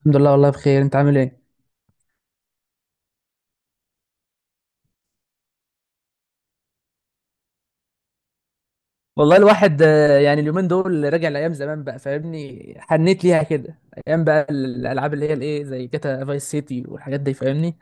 الحمد لله، والله بخير. انت عامل ايه؟ والله الواحد يعني اليومين دول راجع لايام زمان بقى، فاهمني؟ حنيت ليها كده. ايام بقى الالعاب اللي هي الايه، زي جاتا فايس سيتي والحاجات دي، فاهمني؟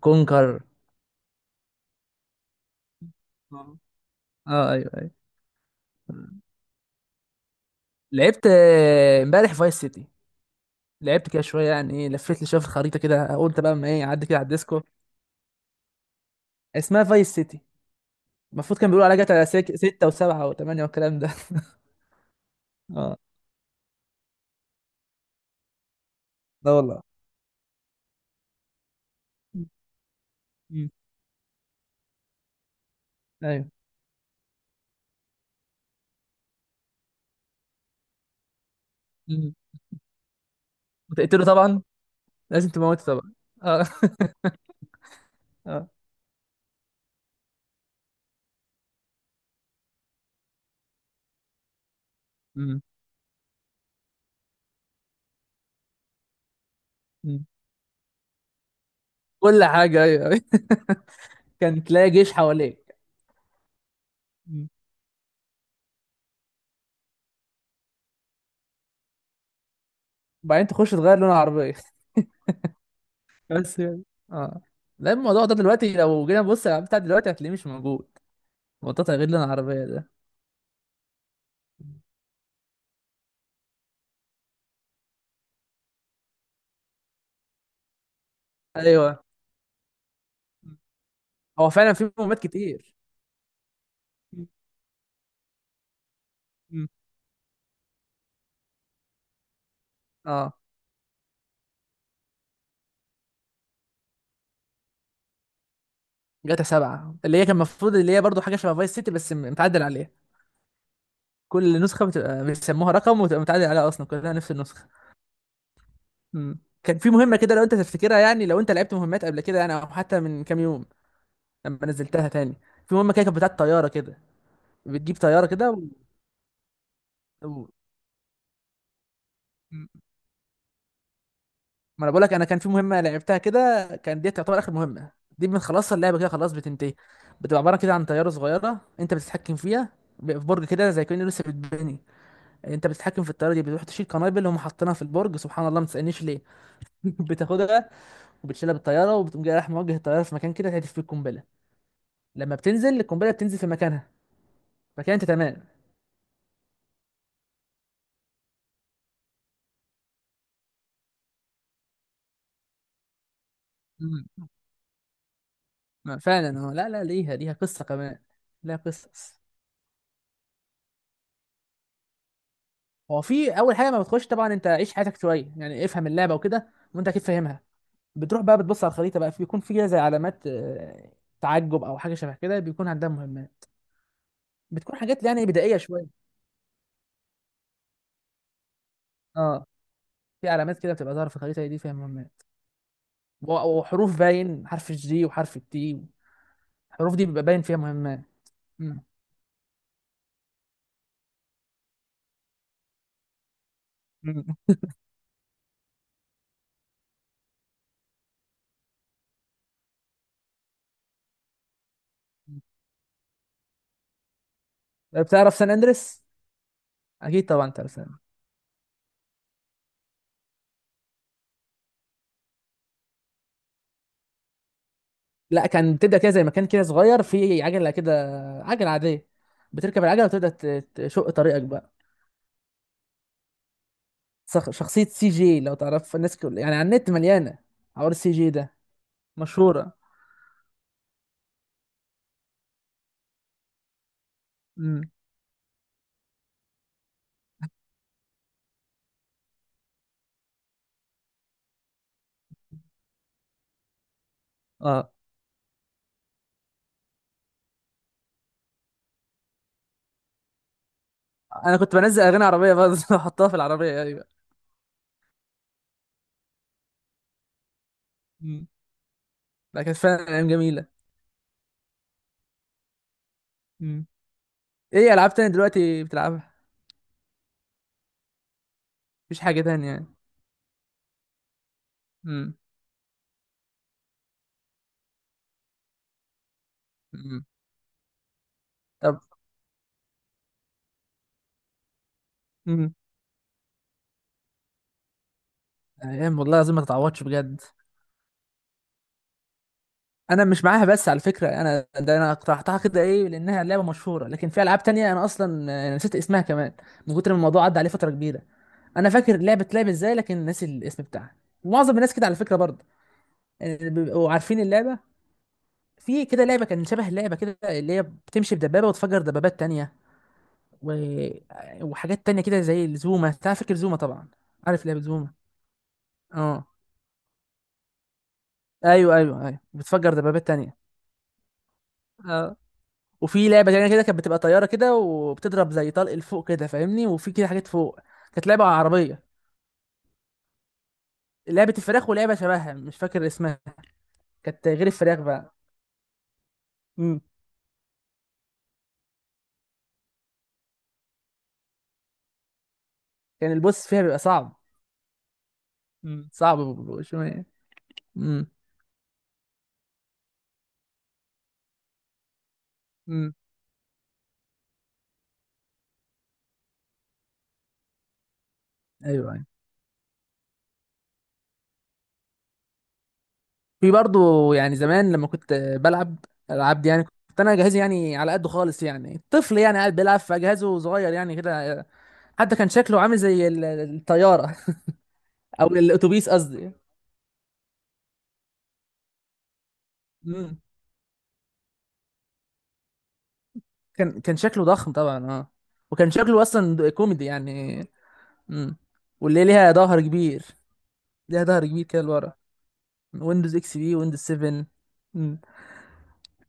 كونكر. اه. اه، ايوه ايوه. لعبت امبارح فايس سيتي. لعبت كده شويه، يعني ايه، لفيت لي شويه في الخريطه كده، قلت بقى ما ايه اعدي كده على الديسكو. اسمها فايس سيتي. المفروض كان بيقولوا عليها جاتا ستة وسبعة وثمانية والكلام ده. اه. لا والله. مم. ايوه. مم. وتقتله طبعا. لازم تموته طبعا. اه. اه. مم. مم. كل حاجة، أيوة أيوة. كان تلاقي جيش حواليك. مم. وبعدين تخش تغير لون العربية. بس يعني. اه. لا، الموضوع ده دلوقتي لو جينا نبص على بتاع دلوقتي هتلاقيه مش موجود، موضوع تغيير لون العربية ده. ايوه. هو فعلا في مهمات كتير. مم. مم. اه. جاتا سبعة، اللي هي كان المفروض اللي هي برضه حاجة شبه فايس سيتي بس متعدل عليها. كل نسخة بتبقى بيسموها رقم وتبقى متعدل عليها، أصلا كلها نفس النسخة. مم. كان في مهمة كده، لو أنت تفتكرها، يعني لو أنت لعبت مهمات قبل كده، يعني أو حتى من كام يوم لما نزلتها تاني. في مهمه كده كانت بتاعت طياره كده، بتجيب طياره كده و... و... ما انا بقول لك، انا كان في مهمه لعبتها كده، كان دي تعتبر اخر مهمه. دي بنخلصها اللعبه كده، خلاص بتنتهي. بتبقى عباره كده عن طياره صغيره انت بتتحكم فيها، في برج كده زي كأنه لسه بيتبني. انت بتتحكم في الطياره دي، بتروح تشيل قنابل هم حاطينها في البرج، سبحان الله ما تسالنيش ليه. بتاخدها وبتشيلها بالطياره، وبتقوم جاي رايح موجه الطياره في مكان كده تهدف فيه القنبله. لما بتنزل القنبله بتنزل في مكانها، فكده انت تمام. ما فعلا اه، لا لا، ليها قصة كمان، ليها قصص. هو في أول حاجة ما بتخش طبعا، أنت عيش حياتك شوية، يعني افهم اللعبة وكده، وأنت أكيد فاهمها. بتروح بقى بتبص على الخريطة بقى، بيكون في كده زي علامات تعجب أو حاجة شبه كده، بيكون عندها مهمات. بتكون حاجات يعني بدائية شوية. اه. في علامات كده بتبقى ظاهرة في الخريطة دي فيها مهمات، وحروف، باين حرف الجي وحرف التي. الحروف دي بيبقى باين فيها مهمات. مم. مم. بتعرف سان أندريس؟ أكيد طبعا تعرف. لا، كان بتبدا كده زي مكان كده صغير فيه عجله كده، عجله عاديه. بتركب العجله وتبدا تشق طريقك بقى. شخصيه سي جي، لو تعرف، الناس كل... يعني على النت مليانه حوار السي جي ده. مشهوره. امم. اه انا كنت بنزل اغاني عربيه برضه، واحطها في العربيه، ايوه. امم. لا، كانت فعلا ايام جميله. امم. ايه العاب تانية دلوقتي بتلعبها؟ مفيش حاجه تانية يعني؟ امم. امم. طب. امم. ايام والله العظيم ما تتعوضش بجد. انا مش معاها، بس على فكره انا ده انا اقترحتها كده، ايه، لانها لعبه مشهوره، لكن في العاب تانية انا اصلا نسيت اسمها كمان، من كتر ما الموضوع عدى عليه فتره كبيره. انا فاكر اللعبه بتلعب ازاي، لكن ناسي الاسم بتاعها. معظم الناس كده على فكره برضه، يعني بيبقوا عارفين اللعبه. في كده لعبه كان شبه اللعبه كده، اللي هي بتمشي بدبابه وتفجر دبابات تانية، و... وحاجات تانية كده زي زوما. انت فاكر زوما طبعا؟ عارف لعبه زوما؟ اه. ايوه بتفجر دبابات تانية. اه. وفي لعبه تانية كده، كانت بتبقى طياره كده وبتضرب زي طلق لفوق كده، فاهمني؟ وفي كده حاجات فوق. كانت لعبه عربيه. لعبه الفراخ، ولعبه شبهها مش فاكر اسمها. كانت غير الفراخ بقى. امم. كان البوس فيها بيبقى صعب. امم، صعب شويه. امم. امم. ايوه أيوة. في برضو يعني زمان لما كنت بلعب العاب دي، يعني كنت انا جهازي يعني على قده خالص، يعني طفل يعني قاعد بيلعب فجهازه صغير يعني كده. حتى كان شكله عامل زي الطياره، او الاتوبيس قصدي. امم. كان شكله ضخم طبعا اه. وكان شكله اصلا كوميدي يعني. امم. واللي ليها ظهر كبير، ليها ظهر كبير كده لورا. ويندوز اكس بي، ويندوز 7. امم.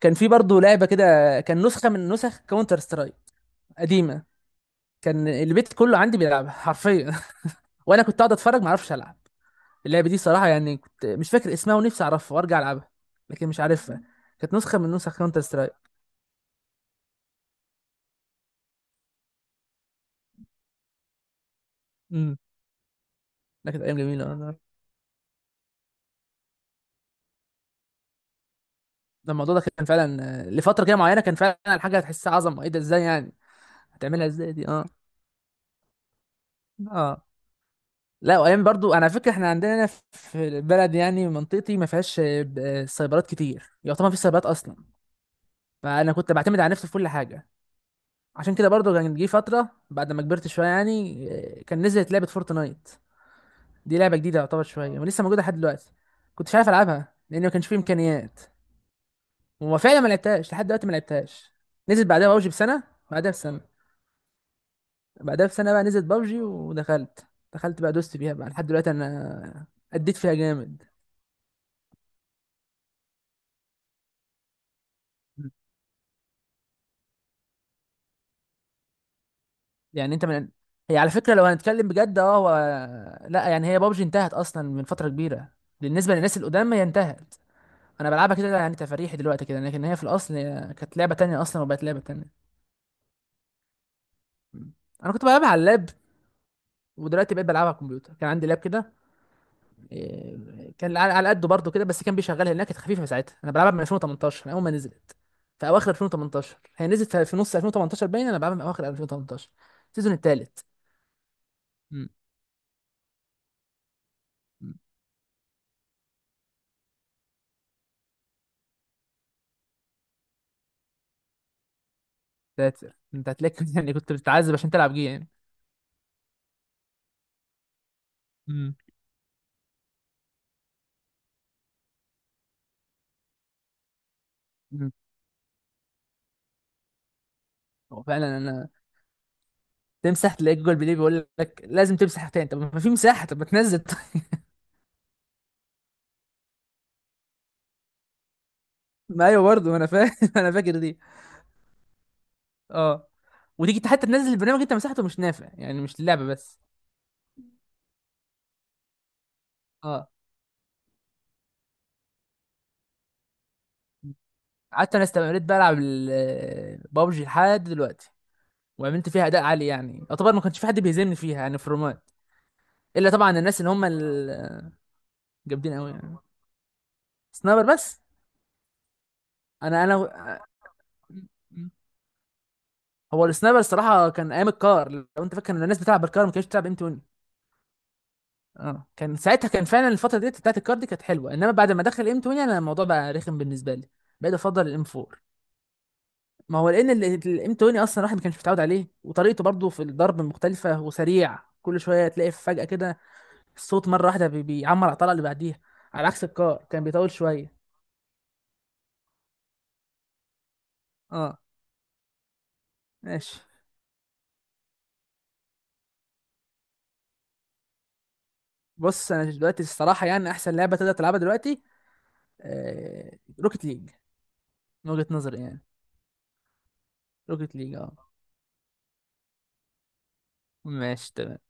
كان في برضه لعبه كده، كان نسخه من نسخ كاونتر سترايك قديمه. كان البيت كله عندي بيلعبها حرفيا، وانا كنت قاعد اتفرج ما اعرفش العب. اللعبه دي صراحه يعني، كنت مش فاكر اسمها ونفسي اعرفها وارجع العبها، لكن مش عارفها. كانت نسخه من نسخ كاونتر سترايك. امم. ده كانت ايام جميله. ده الموضوع ده كان فعلا لفتره كده معينه، كان فعلا الحاجه هتحسها عظمه، ايه ده، ازاي يعني هتعملها ازاي دي؟ اه. اه لا، وايام برضو انا فاكر احنا عندنا هنا في البلد، يعني منطقتي ما فيهاش سايبرات كتير، يعتبر ما فيش سايبرات اصلا. فانا كنت بعتمد على نفسي في كل حاجه. عشان كده برضو كان جه فتره بعد ما كبرت شويه يعني، كان نزلت لعبه فورتنايت. دي لعبه جديده يعتبر شويه ولسه موجوده لحد دلوقتي. كنتش عارف العبها لان ما كانش فيه امكانيات، وفعلا ما لعبتهاش لحد دلوقتي، ما لعبتهاش. نزلت بعدها بوجي بسنه، بعدها بسنه، بعدها بسنة بقى نزلت بابجي ودخلت، دخلت بقى دوست فيها بقى لحد دلوقتي انا، اديت فيها جامد. يعني انت من، هي على فكرة لو هنتكلم بجد اه هو، لا يعني هي بابجي انتهت اصلا من فترة كبيرة، بالنسبة للناس القدام هي انتهت. انا بلعبها كده يعني تفاريحي دلوقتي كده، لكن هي في الاصل هي كانت لعبة تانية اصلا وبقت لعبة تانية. انا كنت بلعبها على اللاب، ودلوقتي بقيت بلعبها على الكمبيوتر. كان عندي لاب كده، إيه، كان على على قده برضه كده، بس كان بيشغلها لانها كانت خفيفه ساعتها. انا بلعبها من 2018، من اول ما نزلت، في اواخر 2018. هي نزلت في نص 2018 باين، انا بلعبها من اواخر 2018، السيزون الثالث. مم. مم. انت هتلاقيك، يعني كنت بتتعذب عشان تلعب جي يعني. مم. مم. هو فعلا انا، تمسح تلاقي جوجل بلاي بيقول لك لازم تمسح تاني، طب ما في مساحه، طب ما تنزل. طيب. ما ايوه برضه، ما انا فاهم، انا فاكر دي. اه. وتيجي حتى تنزل البرنامج انت مسحته مش نافع، يعني مش اللعبه بس. اه. قعدت انا استمريت بلعب بابجي لحد دلوقتي، وعملت فيها اداء عالي، يعني يعتبر ما كانش في حد بيهزمني فيها يعني في الرومات، الا طبعا الناس اللي هم الجامدين قوي يعني. سنايبر بس؟ انا انا آه، هو السنايبر الصراحه كان ايام الكار، لو انت فاكر ان الناس بتلعب بالكار ما كانتش بتلعب ام 20. اه، كان ساعتها كان فعلا الفتره ديت بتاعت الكار دي كانت حلوه، انما بعد ما دخل ام 20 انا الموضوع بقى رخم بالنسبه لي، بقيت افضل الام 4. ما هو لان الانتوني اصلا الواحد ما كانش متعود عليه، وطريقته برضه في الضرب مختلفه وسريع، كل شويه تلاقي فجاه كده الصوت مره واحده بيعمر على الطلقه اللي بعديها، على عكس الكار كان بيطول شويه. اه ماشي. بص انا دلوقتي الصراحه يعني احسن لعبه تقدر تلعبها دلوقتي روكيت ليج، من وجهه نظري يعني. روكيت ليج، اه ماشي.